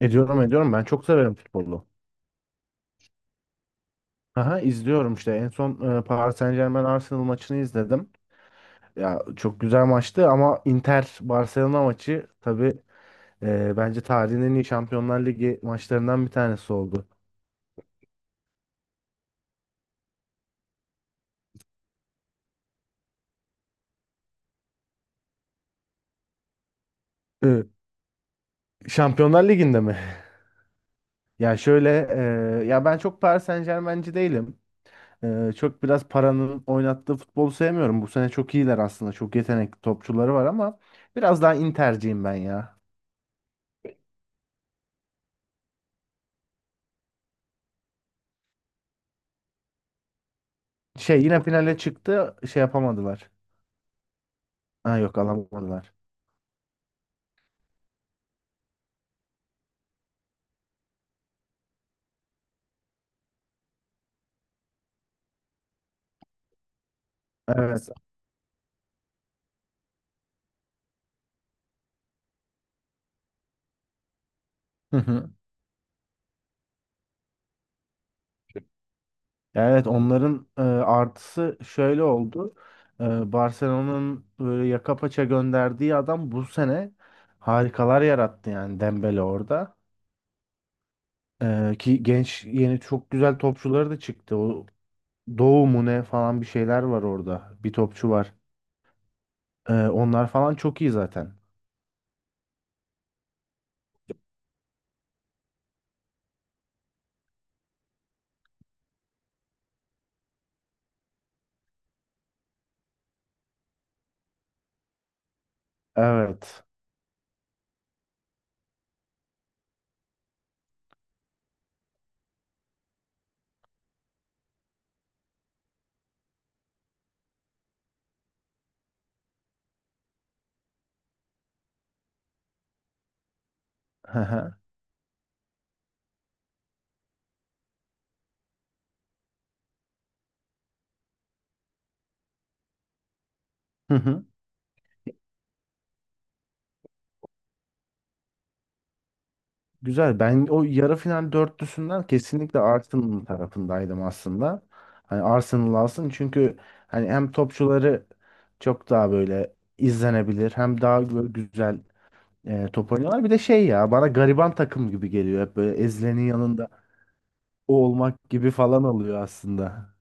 Ediyorum. Ben çok severim futbolu. Aha, izliyorum işte. En son Paris Saint-Germain Arsenal maçını izledim. Ya çok güzel maçtı ama Inter Barcelona maçı tabii bence tarihin en iyi Şampiyonlar Ligi maçlarından bir tanesi oldu. E, Şampiyonlar Ligi'nde mi? Ya şöyle ya ben çok Paris Saint-Germain'ci değilim. Çok biraz paranın oynattığı futbolu sevmiyorum. Bu sene çok iyiler aslında. Çok yetenekli topçuları var ama biraz daha Inter'ciyim ben ya. Şey yine finale çıktı şey yapamadılar. Ha yok alamadılar. Evet. Hı hı. Evet onların artısı şöyle oldu. Barcelona'nın böyle yaka paça gönderdiği adam bu sene harikalar yarattı yani Dembele orada. Ki genç yeni çok güzel topçuları da çıktı. O Doğu mu ne falan bir şeyler var orada. Bir topçu var. Onlar falan çok iyi zaten. Evet. Hı hı. Güzel. Ben o yarı final dörtlüsünden kesinlikle Arsenal tarafındaydım aslında. Hani Arsenal alsın çünkü hani hem topçuları çok daha böyle izlenebilir hem daha böyle güzel top oynuyorlar. Bir de şey ya bana gariban takım gibi geliyor. Hep böyle ezilenin yanında o olmak gibi falan oluyor aslında.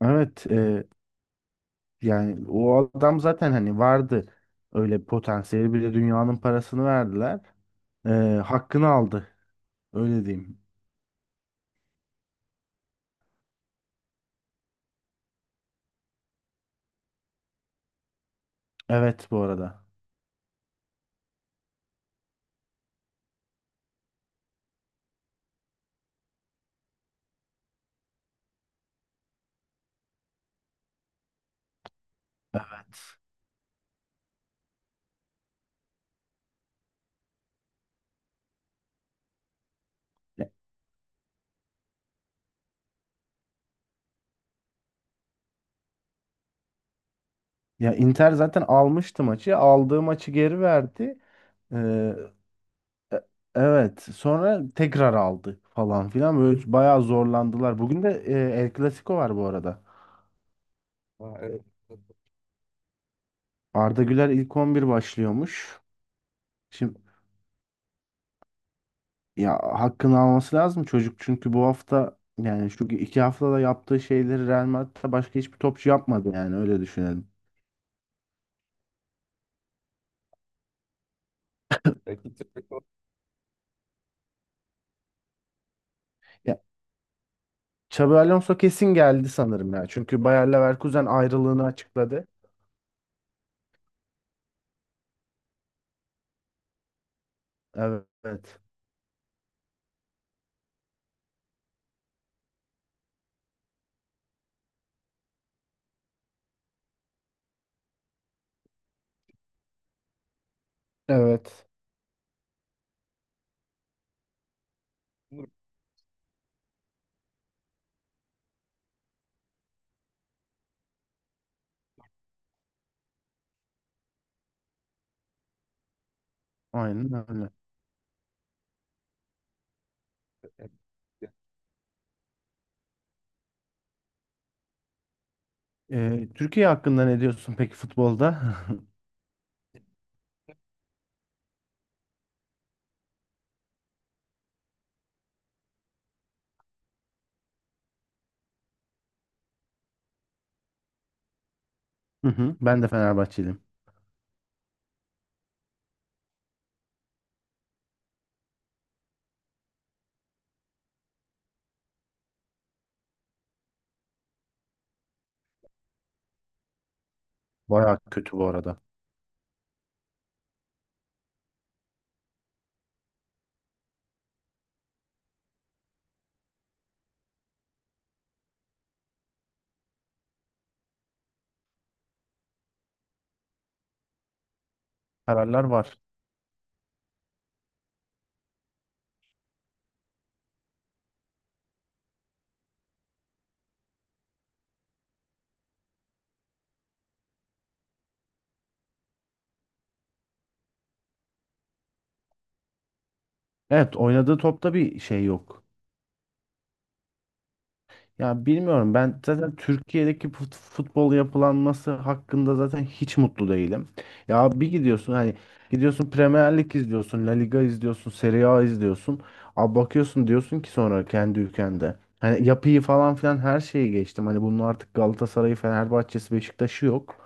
Evet yani o adam zaten hani vardı öyle bir potansiyeli bir de dünyanın parasını verdiler. E, hakkını aldı öyle diyeyim. Evet bu arada. Evet. Ya ya Inter zaten almıştı maçı. Aldığı maçı geri verdi. Ee, e- evet. Sonra tekrar aldı falan filan. Böyle bayağı zorlandılar. Bugün de El Clasico var bu arada. Ha, evet. Arda Güler ilk 11 başlıyormuş. Şimdi ya hakkını alması lazım çocuk çünkü bu hafta yani şu iki haftada yaptığı şeyleri Real Madrid'de başka hiçbir topçu yapmadı yani öyle düşünelim. Rakip takım Xabi Alonso kesin geldi sanırım ya. Çünkü Bayer Leverkusen ayrılığını açıkladı. Evet. Evet. Aynen öyle. Türkiye hakkında ne diyorsun peki futbolda? Hı hı. Ben de Fenerbahçeliyim. Bayağı kötü bu arada. Kararlar var. Evet oynadığı topta bir şey yok. Ya bilmiyorum ben zaten Türkiye'deki futbol yapılanması hakkında zaten hiç mutlu değilim. Ya bir gidiyorsun hani gidiyorsun Premier Lig izliyorsun, La Liga izliyorsun, Serie A izliyorsun. Abi bakıyorsun diyorsun ki sonra kendi ülkende. Hani yapıyı falan filan her şeyi geçtim. Hani bunun artık Galatasaray'ı, Fenerbahçe'si, Beşiktaş'ı yok.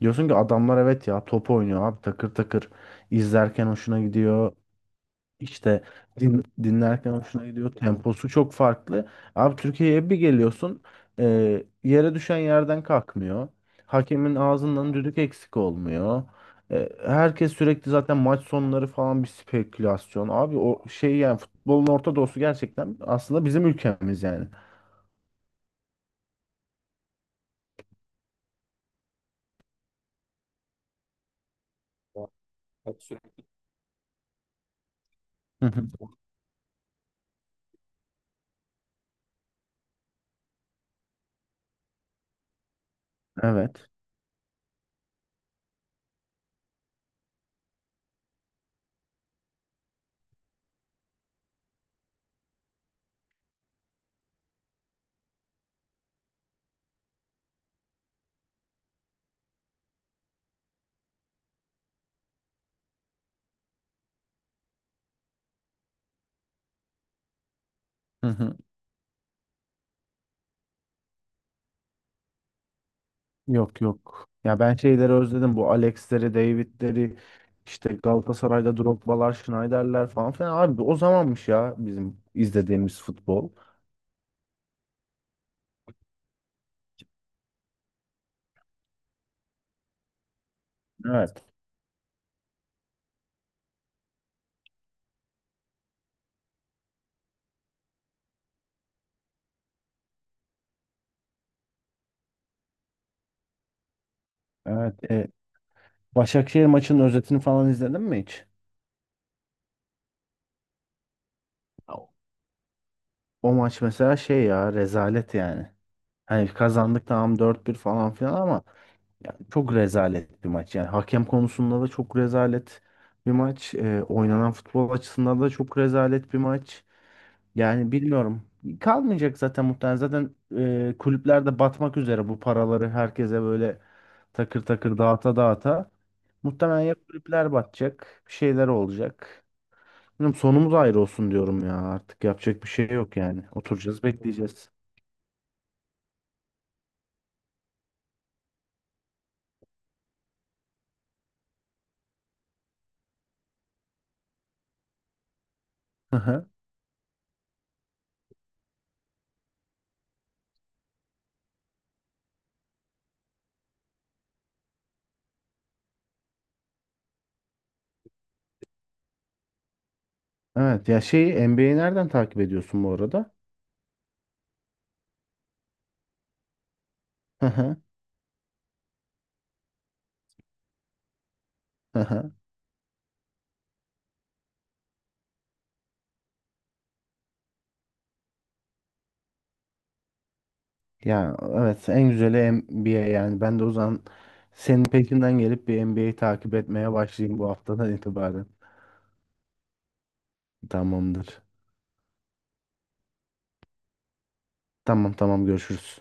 Diyorsun ki adamlar evet ya top oynuyor abi takır takır. İzlerken hoşuna gidiyor. İşte dinlerken hoşuna gidiyor. Temposu çok farklı. Abi Türkiye'ye bir geliyorsun yere düşen yerden kalkmıyor. Hakemin ağzından düdük eksik olmuyor. Herkes sürekli zaten maç sonları falan bir spekülasyon. Abi o şey yani futbolun Orta Doğusu gerçekten aslında bizim ülkemiz yani. Hı hı. Evet. Hı hı. Yok yok. Ya ben şeyleri özledim. Bu Alex'leri, David'leri, işte Galatasaray'da Drogba'lar, Schneider'ler falan filan. Abi o zamanmış ya bizim izlediğimiz futbol. Evet. Evet. Başakşehir maçının özetini falan izledin mi hiç? O o maç mesela şey ya rezalet yani. Hani kazandık tamam dört bir falan filan ama yani çok rezalet bir maç. Yani hakem konusunda da çok rezalet bir maç. Oynanan futbol açısından da çok rezalet bir maç. Yani bilmiyorum. Kalmayacak zaten muhtemelen. Zaten kulüpler de batmak üzere bu paraları herkese böyle takır takır dağıta dağıta. Muhtemelen ya kulüpler batacak, bir şeyler olacak. Bilmiyorum, sonumuz ayrı olsun diyorum ya. Artık yapacak bir şey yok yani. Oturacağız, bekleyeceğiz. Hı hı. Evet ya şeyi NBA'yi nereden takip ediyorsun bu arada? Hı hı, hı hı. Ya evet en güzeli NBA yani. Ben de o zaman senin peşinden gelip bir NBA'yi takip etmeye başlayayım bu haftadan itibaren. Tamamdır. Tamam görüşürüz.